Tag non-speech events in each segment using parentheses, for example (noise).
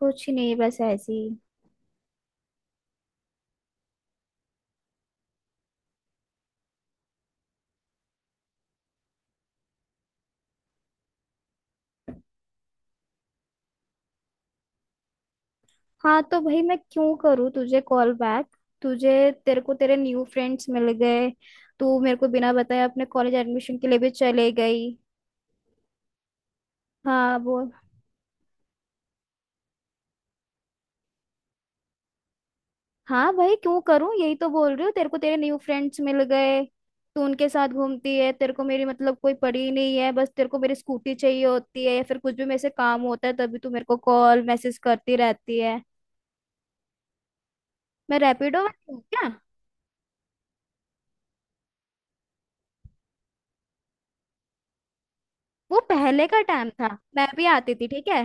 कुछ नहीं। बस ऐसी। हाँ, तो भाई मैं क्यों करूँ तुझे कॉल बैक। तुझे तेरे को तेरे न्यू फ्रेंड्स मिल गए। तू मेरे को बिना बताए अपने कॉलेज एडमिशन के लिए भी चले गई। हाँ, बोल। हाँ भाई, क्यों करूँ, यही तो बोल रही हूँ। तेरे को तेरे न्यू फ्रेंड्स मिल गए। तू उनके साथ घूमती है। तेरे को मेरी, मतलब, कोई पड़ी ही नहीं है। बस तेरे को मेरी स्कूटी चाहिए होती है, या फिर कुछ भी मेरे से काम होता है, तभी तू मेरे को कॉल मैसेज करती रहती है। मैं रैपिडो में थी क्या? वो पहले का टाइम था, मैं भी आती थी, ठीक है।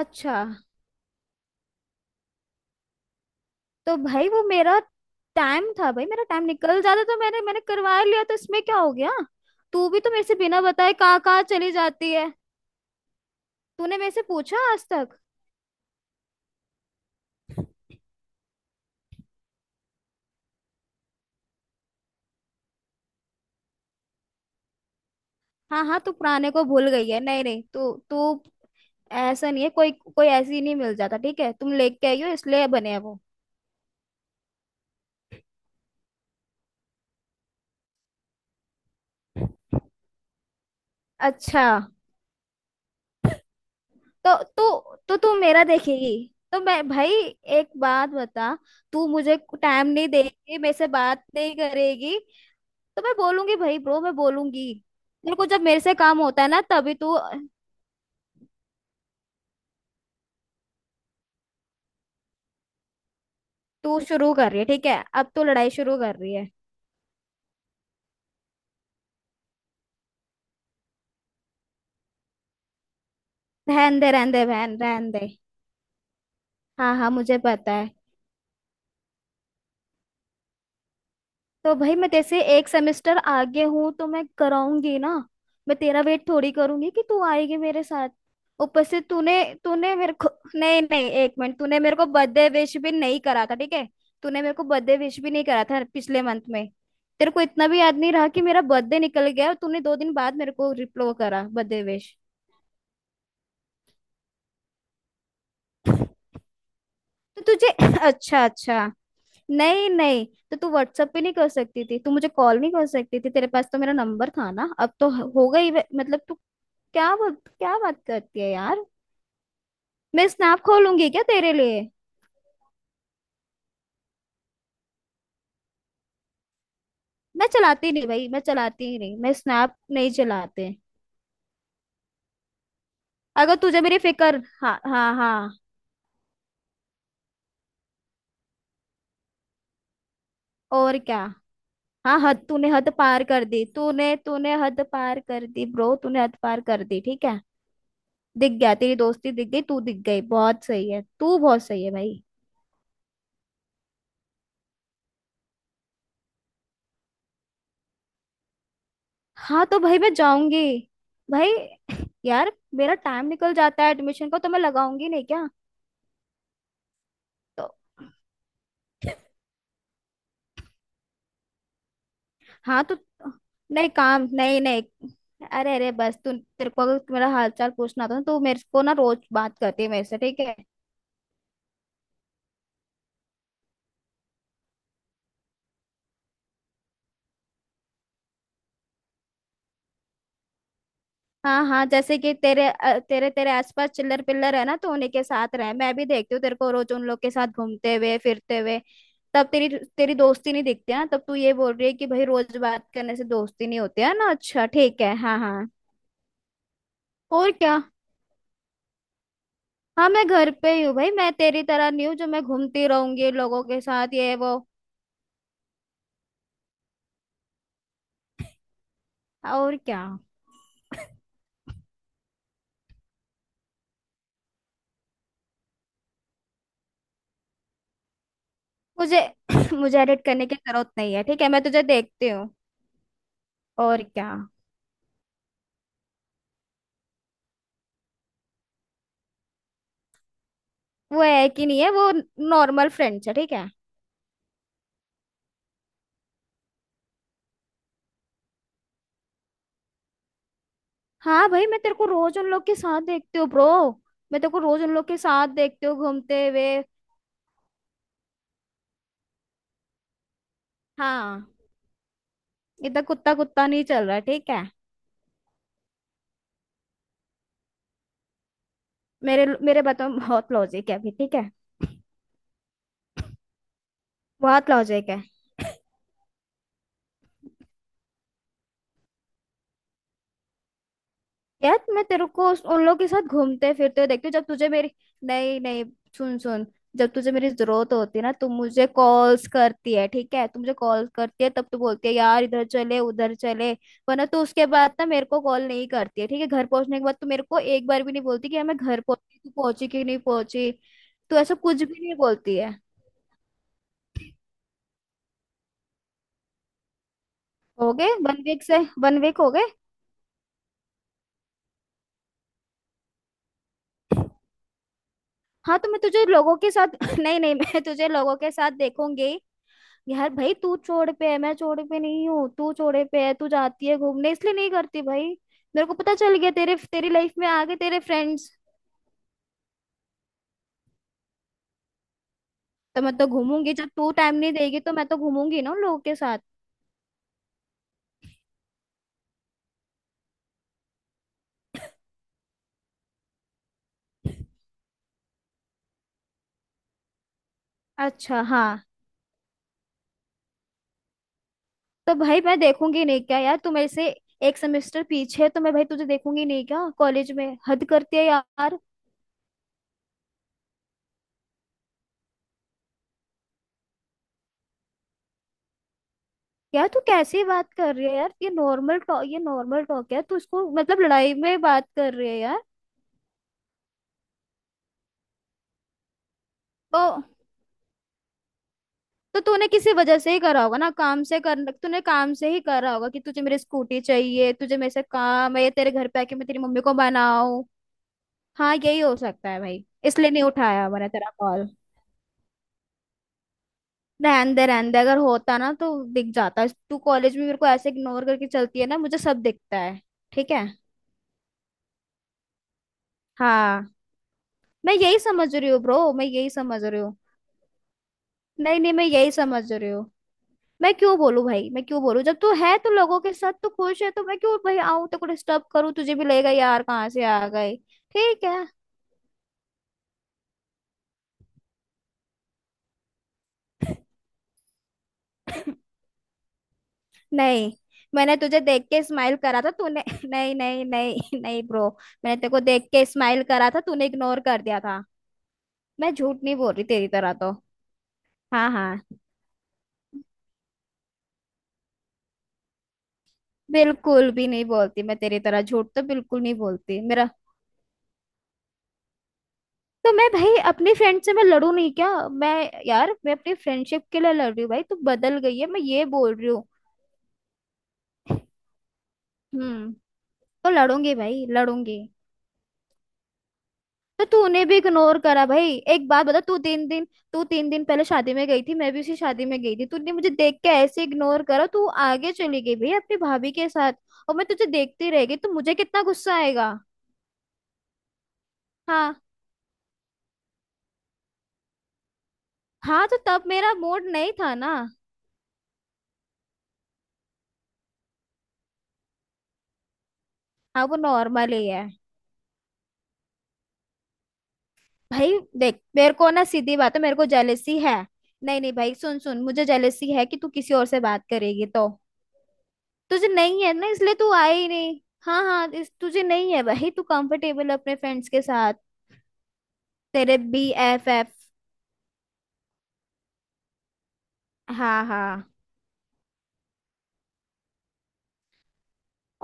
अच्छा, तो भाई वो मेरा टाइम था भाई। मेरा टाइम निकल जाता तो मैंने मैंने करवा लिया, तो इसमें क्या हो गया? तू भी तो मेरे से बिना बताए कहाँ कहाँ चली जाती है। तूने मेरे से पूछा आज तक? हाँ हाँ, तू पुराने को भूल गई है। नहीं नहीं, तू तू, ऐसा नहीं है। कोई कोई ऐसी नहीं मिल जाता, ठीक है, तुम लेके आई हो इसलिए बने हैं वो। अच्छा, तो तू मेरा देखेगी, तो मैं भाई, एक बात बता, तू मुझे टाइम नहीं देगी, मेरे से बात नहीं करेगी, तो मैं बोलूंगी भाई, ब्रो, मैं बोलूंगी। तेरे को जब मेरे से काम होता है ना, तभी तू। तू शुरू कर रही है, ठीक है, अब तू लड़ाई शुरू कर रही है। रहन दे बहन, रहन दे। हाँ हाँ, मुझे पता है। तो भाई मैं जैसे एक सेमेस्टर आगे हूँ, तो मैं कराऊंगी ना। मैं तेरा वेट थोड़ी करूंगी कि तू आएगी मेरे साथ। ऊपर से तूने तूने मेरे को, नहीं नहीं, एक मिनट। तूने मेरे को बर्थडे विश भी नहीं करा था, ठीक है। तूने मेरे को बर्थडे विश भी नहीं करा था पिछले मंथ में। तेरे को इतना भी याद नहीं रहा कि मेरा बर्थडे निकल गया, और तूने 2 दिन बाद मेरे को रिप्लो करा बर्थडे विश। तो तुझे (clears throat) अच्छा अच्छा। नहीं नहीं, तो तू व्हाट्सएप पे नहीं कर सकती थी? तू मुझे कॉल नहीं कर सकती थी? तेरे पास तो मेरा नंबर था ना, अब तो हो गई मतलब तू, क्या बात करती है यार। मैं स्नैप खोलूंगी क्या तेरे लिए? मैं चलाती नहीं भाई, मैं चलाती ही नहीं, मैं स्नैप नहीं चलाते। अगर तुझे मेरी फिक्र। हाँ हाँ हाँ। और क्या। हाँ हद, तूने हद पार कर दी, तूने तूने हद पार कर दी ब्रो, तूने हद पार कर दी, ठीक है। दिख गया तेरी दोस्ती, दिख गई तू, दिख गई। बहुत सही है तू, बहुत सही है भाई। हाँ, तो भाई मैं जाऊंगी भाई। (laughs) यार, मेरा टाइम निकल जाता है एडमिशन का, तो मैं लगाऊंगी नहीं क्या? तो। हाँ, तो। नहीं, काम नहीं, नहीं, अरे अरे, बस तू, तेरे को अगर मेरा हालचाल पूछना था ना, तो मेरे को ना रोज बात करती है मेरे से, ठीक है। हाँ हाँ, जैसे कि तेरे अ, तेरे तेरे आसपास चिल्लर पिल्लर है ना, तो उन्हीं के साथ रहे। मैं भी देखती हूँ तेरे को रोज उन लोग के साथ घूमते हुए फिरते हुए। तब तेरी तेरी दोस्ती नहीं दिखती है ना, तब तू ये बोल रही है कि भाई रोज बात करने से दोस्ती नहीं होती है ना। अच्छा, ठीक है, हाँ हाँ। और क्या। हाँ, मैं घर पे ही हूँ भाई, मैं तेरी तरह नहीं हूँ जो मैं घूमती रहूंगी लोगों के साथ, ये वो। और क्या। मुझे (clears throat) मुझे एडिट करने की जरूरत नहीं है, ठीक है, मैं तुझे देखती हूँ। और क्या। वो है कि नहीं है वो, नॉर्मल फ्रेंड्स है, ठीक है। हाँ भाई, मैं तेरे को रोज उन लोग के साथ देखती हूँ ब्रो। मैं तेरे को रोज उन लोग के साथ देखती हूँ घूमते हुए। हाँ। इधर कुत्ता कुत्ता नहीं चल रहा है, ठीक है। मेरे मेरे बातों में बहुत लॉजिक है अभी, ठीक है। बहुत लॉजिक है। यार, मैं तेरे को उन लोगों के साथ घूमते फिरते हुए देखती हूँ, जब तुझे मेरी। नहीं नहीं, सुन सुन, जब तुझे मेरी जरूरत होती है ना, तू मुझे कॉल्स करती है, ठीक है, तू मुझे कॉल करती है तब तू बोलती है, यार इधर चले उधर चले। वरना तू उसके बाद ना मेरे को कॉल नहीं करती है, ठीक है। घर पहुंचने के बाद तू मेरे को एक बार भी नहीं बोलती कि यार मैं घर पहुंची, तू पहुंची कि नहीं पहुंची। तू ऐसा कुछ भी नहीं बोलती है। हो गए 1 वीक, से 1 वीक हो गए। हाँ, तो मैं तुझे लोगों के साथ (laughs) नहीं नहीं, मैं तुझे लोगों के साथ देखूंगी। यार भाई, तू चौड़ पे है, मैं चौड़े पे नहीं हूँ, तू चौड़े पे है, तू जाती है घूमने, इसलिए नहीं करती भाई। मेरे को पता चल गया, तेरे, तेरी लाइफ में आ गए तेरे फ्रेंड्स। तो मैं तो घूमूंगी, जब तू टाइम नहीं देगी, तो मैं तो घूमूंगी ना उन लोगों के साथ। अच्छा, हाँ। तो भाई मैं देखूंगी नहीं क्या यार, तू मेरे से एक सेमेस्टर पीछे है, तो मैं भाई तुझे देखूंगी नहीं क्या कॉलेज में, हद करती है यार। यार तू कैसी बात कर रही है यार, ये नॉर्मल टॉक है, तू इसको मतलब लड़ाई में बात कर रही है यार। ओ। तो तूने किसी वजह से ही करा होगा ना, काम से कर तूने काम से ही करा होगा कि तुझे मेरी स्कूटी चाहिए, तुझे मेरे से काम है, तेरे घर पे आके मैं तेरी मम्मी को बनाऊं। हाँ, यही हो सकता है भाई, इसलिए नहीं उठाया मैंने तेरा कॉल। रहन दे रहन दे, अगर होता ना तो दिख जाता। तू कॉलेज में मेरे को ऐसे इग्नोर करके चलती है ना, मुझे सब दिखता है। ठीक है। हाँ, मैं यही समझ रही हूँ ब्रो, मैं यही समझ रही हूँ। नहीं नहीं, मैं यही समझ रही हूँ। मैं क्यों बोलूं भाई, मैं क्यों बोलूं? जब तू है तो लोगों के साथ तो खुश है, तो मैं क्यों भाई आऊं तेरे को डिस्टर्ब करूं, तुझे भी लगेगा यार कहाँ से आ गए। ठीक है। नहीं, मैंने तुझे देख के स्माइल करा था, तूने (laughs) नहीं नहीं नहीं नहीं ब्रो, मैंने तेरे को देख के स्माइल करा था, तूने इग्नोर कर दिया था। मैं झूठ नहीं बोल रही तेरी तरह तो। हाँ हाँ, बिल्कुल भी नहीं बोलती, मैं तेरी तरह झूठ तो बिल्कुल नहीं बोलती मेरा। तो मैं भाई अपनी फ्रेंड से मैं लड़ू नहीं क्या मैं? यार, मैं अपनी फ्रेंडशिप के लिए लड़ रही हूँ भाई, तू बदल गई है, मैं ये बोल रही हूँ। हम्म। तो लड़ूंगी भाई, लड़ूंगी। तो तू उन्हें भी इग्नोर करा भाई, एक बात बता, तू 3 दिन। तू 3 दिन पहले शादी में गई थी, मैं भी उसी शादी में गई थी, तूने मुझे देख के ऐसे इग्नोर करा, तू आगे चली गई भाई अपनी भाभी के साथ, और मैं तुझे देखती रह गई, तो मुझे कितना गुस्सा आएगा। हाँ हाँ, तो तब मेरा मूड नहीं था ना। हाँ, वो नॉर्मल ही है। भाई देख, मेरे को ना सीधी बात है, मेरे को जेलेसी है। नहीं नहीं भाई, सुन सुन, मुझे जेलेसी है कि तू किसी और से बात करेगी, तो तुझे नहीं है ना, इसलिए तू आई ही नहीं। हाँ हाँ, इस तुझे नहीं है भाई, तू कंफर्टेबल अपने फ्रेंड्स के साथ, तेरे BFF। हाँ हाँ।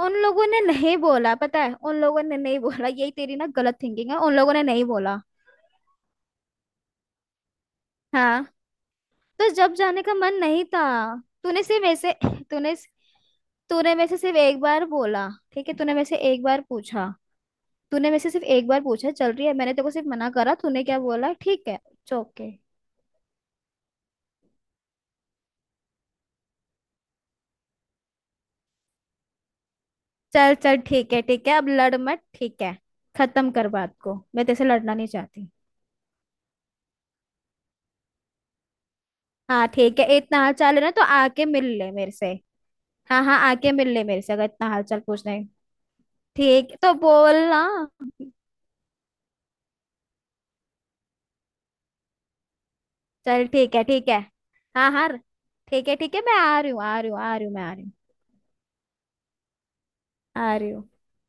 उन लोगों ने नहीं बोला, पता है उन लोगों ने नहीं बोला, यही तेरी ना गलत थिंकिंग है, उन लोगों ने नहीं बोला। हाँ, तो जब जाने का मन नहीं था, तूने सिर्फ ऐसे तूने तूने मेरे से सिर्फ एक बार बोला, ठीक है, तूने मेरे से एक बार पूछा। तूने मेरे से सिर्फ एक बार पूछा चल रही है, मैंने तेरे को सिर्फ मना करा, तूने क्या बोला, ठीक है, ओके। चल चल, ठीक है ठीक है, अब लड़ मत, ठीक है, खत्म कर बात को, मैं तेरे से लड़ना नहीं चाहती। हाँ, ठीक है, इतना हाल चाल है ना तो आके मिल ले मेरे से। हाँ हाँ, आके मिल ले मेरे से, अगर इतना हाल चाल पूछना है। ठीक, तो बोल ना। चल, ठीक है ठीक है। हाँ हाँ, ठीक है ठीक है, मैं आ रही हूँ, आ रही हूँ, आ रही हूँ, मैं आ रही हूँ। आ रही हूँ।